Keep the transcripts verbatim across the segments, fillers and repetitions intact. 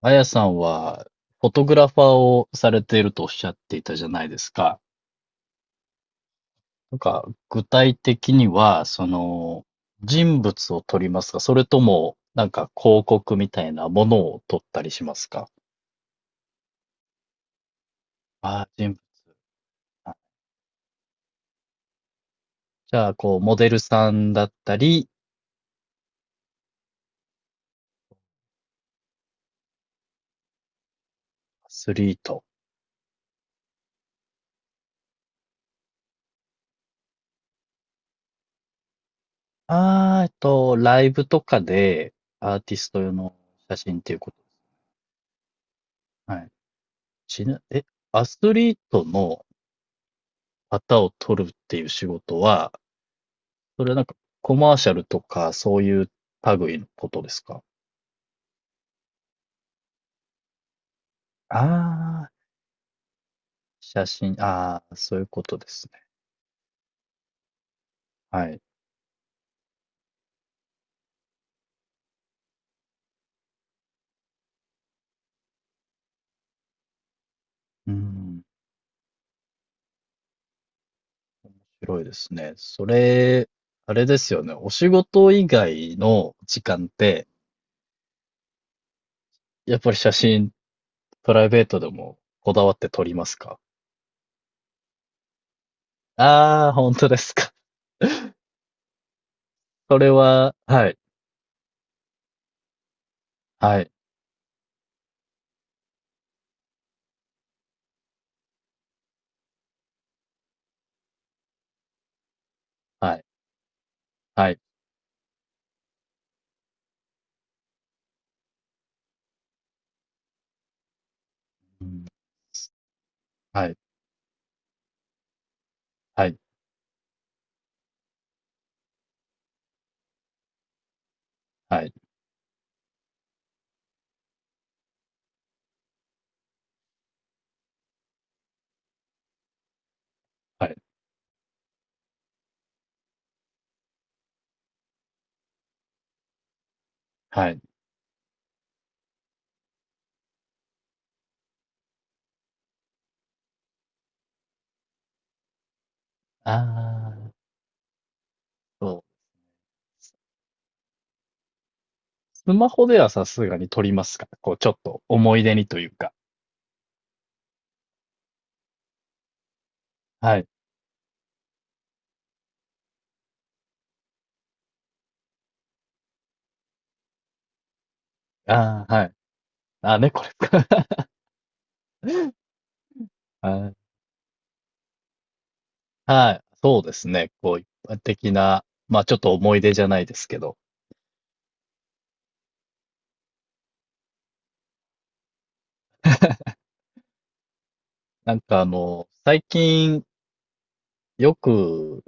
あやさんは、フォトグラファーをされているとおっしゃっていたじゃないですか。なんか、具体的には、その、人物を撮りますか？それとも、なんか広告みたいなものを撮ったりしますか？ああー、人物か。じゃあ、こう、モデルさんだったり、アスリート。ああ、えっと、ライブとかで、アーティスト用の写真っていうこと。はい。ちな、え、アスリートの方を撮るっていう仕事は、それはなんかコマーシャルとか、そういう類のことですか？ああー、写真、ああ、そういうことですね。はい。うん、広いですね。それ、あれですよね、お仕事以外の時間って、やっぱり写真、プライベートでもこだわって撮りますか？ああー、本当ですか。それははい、はい、はい、はい。うん、はい、はい、はい、はい、はい。ああ、そう。スマホではさすがに撮りますか？こう、ちょっと思い出にというか。はい。ああ、はい。ああ、ねこれ、か。はい。はい。そうですね。こう、一般的な、まあ、ちょっと思い出じゃないですけど。なんか、あの、最近、よく、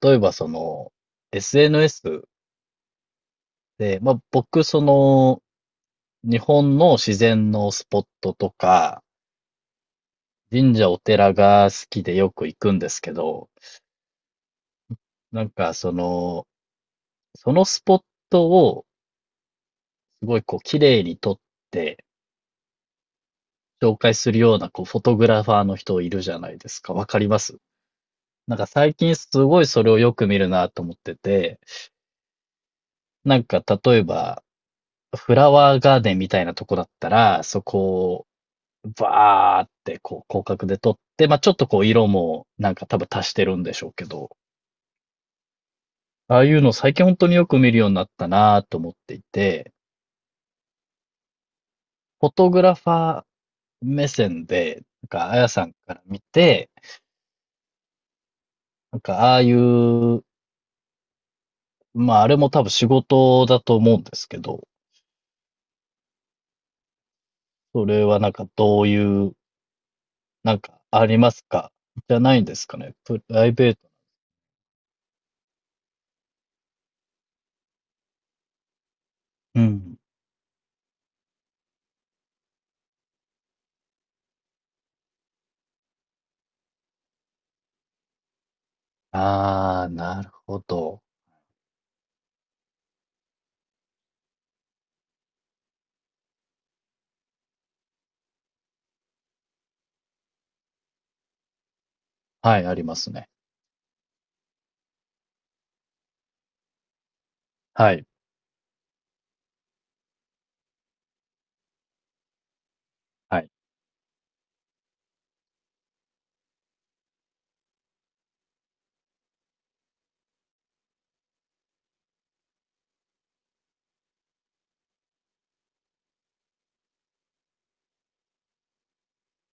例えばその、エスエヌエス で、まあ、僕、その、日本の自然のスポットとか、神社お寺が好きでよく行くんですけど、なんかその、そのスポットをすごいこう綺麗に撮って紹介するようなこうフォトグラファーの人いるじゃないですか。わかりますなんか最近すごいそれをよく見るなと思ってて、なんか例えばフラワーガーデンみたいなとこだったら、そこをバーってこう広角で撮って、まあちょっとこう色もなんか多分足してるんでしょうけど、ああいうの最近本当によく見るようになったなと思っていて、フォトグラファー目線で、なんかあやさんから見て、なんかああいうまあ、あれも多分仕事だと思うんですけど、それはなんかどういう、なんかありますかじゃないんですかね。プライベート。うん。ああ、なるほど。はい、ありますね。はい、はい、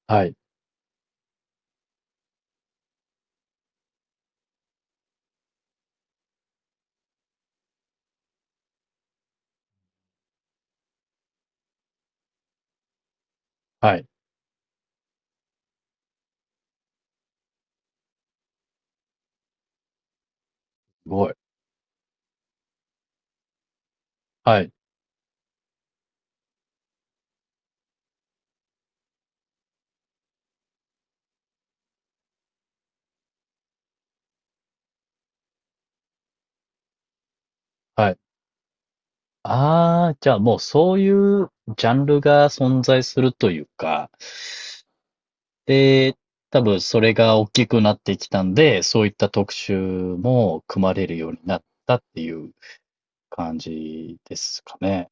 はい、はい。すごい。はい、はい。ああ、じゃあもうそういうジャンルが存在するというか、で、多分それが大きくなってきたんで、そういった特集も組まれるようになったっていう感じですかね。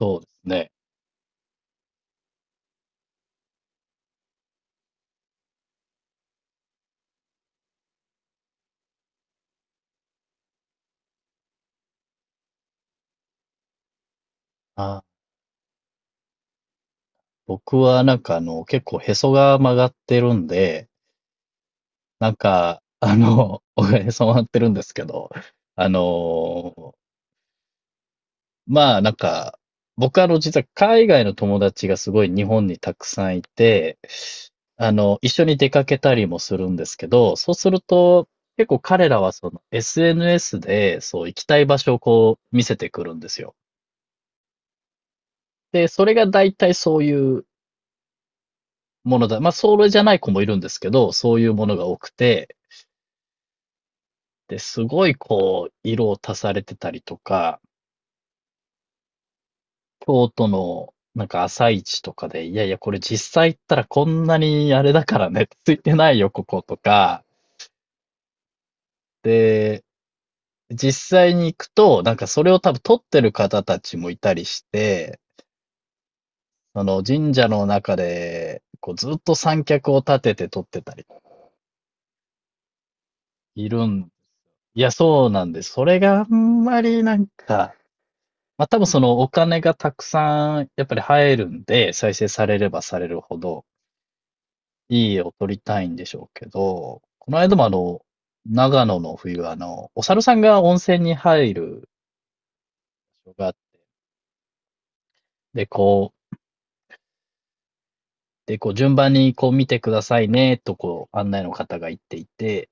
そうですね。あ、僕はなんかあの、結構へそが曲がってるんで、なんか、あの、僕はへそ曲がってるんですけど、あの、まあなんか、僕はあの、実は海外の友達がすごい日本にたくさんいて、あの、一緒に出かけたりもするんですけど、そうすると、結構彼らはその エスエヌエス で、そう、行きたい場所をこう見せてくるんですよ。で、それが大体そういうものだ。まあ、それじゃない子もいるんですけど、そういうものが多くて、で、すごいこう、色を足されてたりとか、京都のなんか朝市とかで、いやいや、これ実際行ったらこんなにあれだからね、ついてないよ、ここ、とか。で、実際に行くと、なんかそれを多分撮ってる方たちもいたりして、その神社の中で、こうずっと三脚を立てて撮ってたり、いるん、いや、そうなんです。それがあんまりなんか、まあ多分そのお金がたくさんやっぱり入るんで、再生されればされるほどいい絵を撮りたいんでしょうけど、この間もあの、長野の冬はあの、お猿さんが温泉に入る場所があってで、こう、で、こう順番にこう見てくださいね、とこう案内の方が言っていて、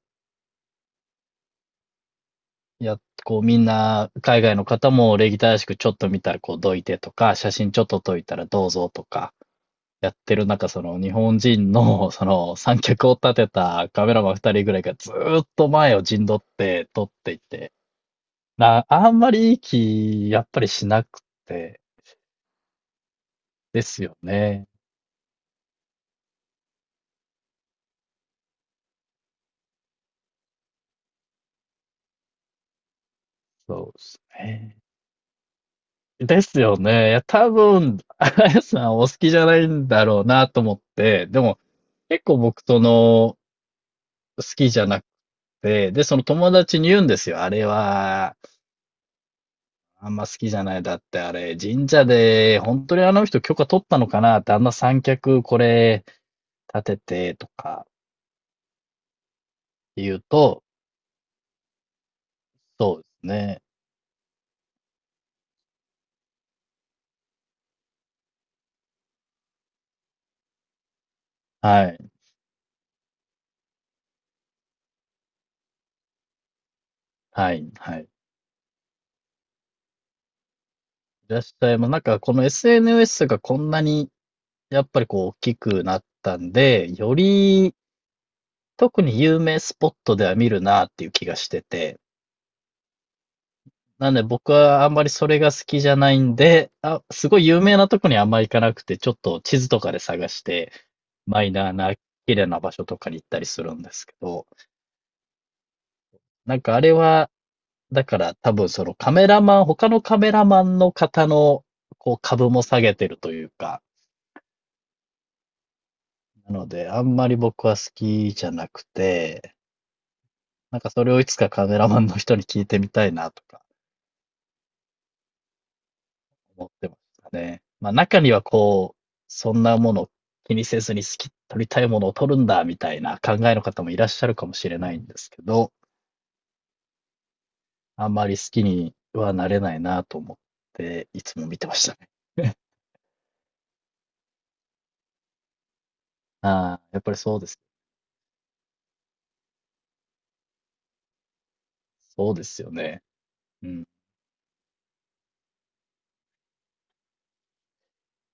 いや、こうみんな海外の方も礼儀正しくちょっと見たらこうどいてとか、写真ちょっと撮いたらどうぞとか、てる中、その日本人の、その三脚を立てたカメラマンふたりぐらいがずーっと前を陣取って撮っていて、な、あんまりいい気、やっぱりしなくて、ですよね。そうですね。ですよね。いや、多分、あやさんお好きじゃないんだろうなと思って、でも、結構僕との好きじゃなくて、で、その友達に言うんですよ。あれは、あんま好きじゃない。だってあれ、神社で、本当にあの人許可取ったのかなって、あんな三脚これ立ててとか言うと、そうですね。はい、はい、はい。いらっしゃいます。なんかこの エスエヌエス がこんなに、やっぱりこう大きくなったんで、より特に有名スポットでは見るなっていう気がしてて。なんで僕はあんまりそれが好きじゃないんで、あ、すごい有名なとこにあんま行かなくて、ちょっと地図とかで探してマイナーな綺麗な場所とかに行ったりするんですけど、なんかあれは、だから多分そのカメラマン、他のカメラマンの方のこう株も下げてるというか、なのであんまり僕は好きじゃなくて、なんかそれをいつかカメラマンの人に聞いてみたいなとか思ってましたね。まあ中にはこう、そんなもの気にせずに好き、撮りたいものを撮るんだみたいな考えの方もいらっしゃるかもしれないんですけど、あんまり好きにはなれないなと思って、いつも見てましたね。ああ、やっぱりそうです。そうですよね。うん。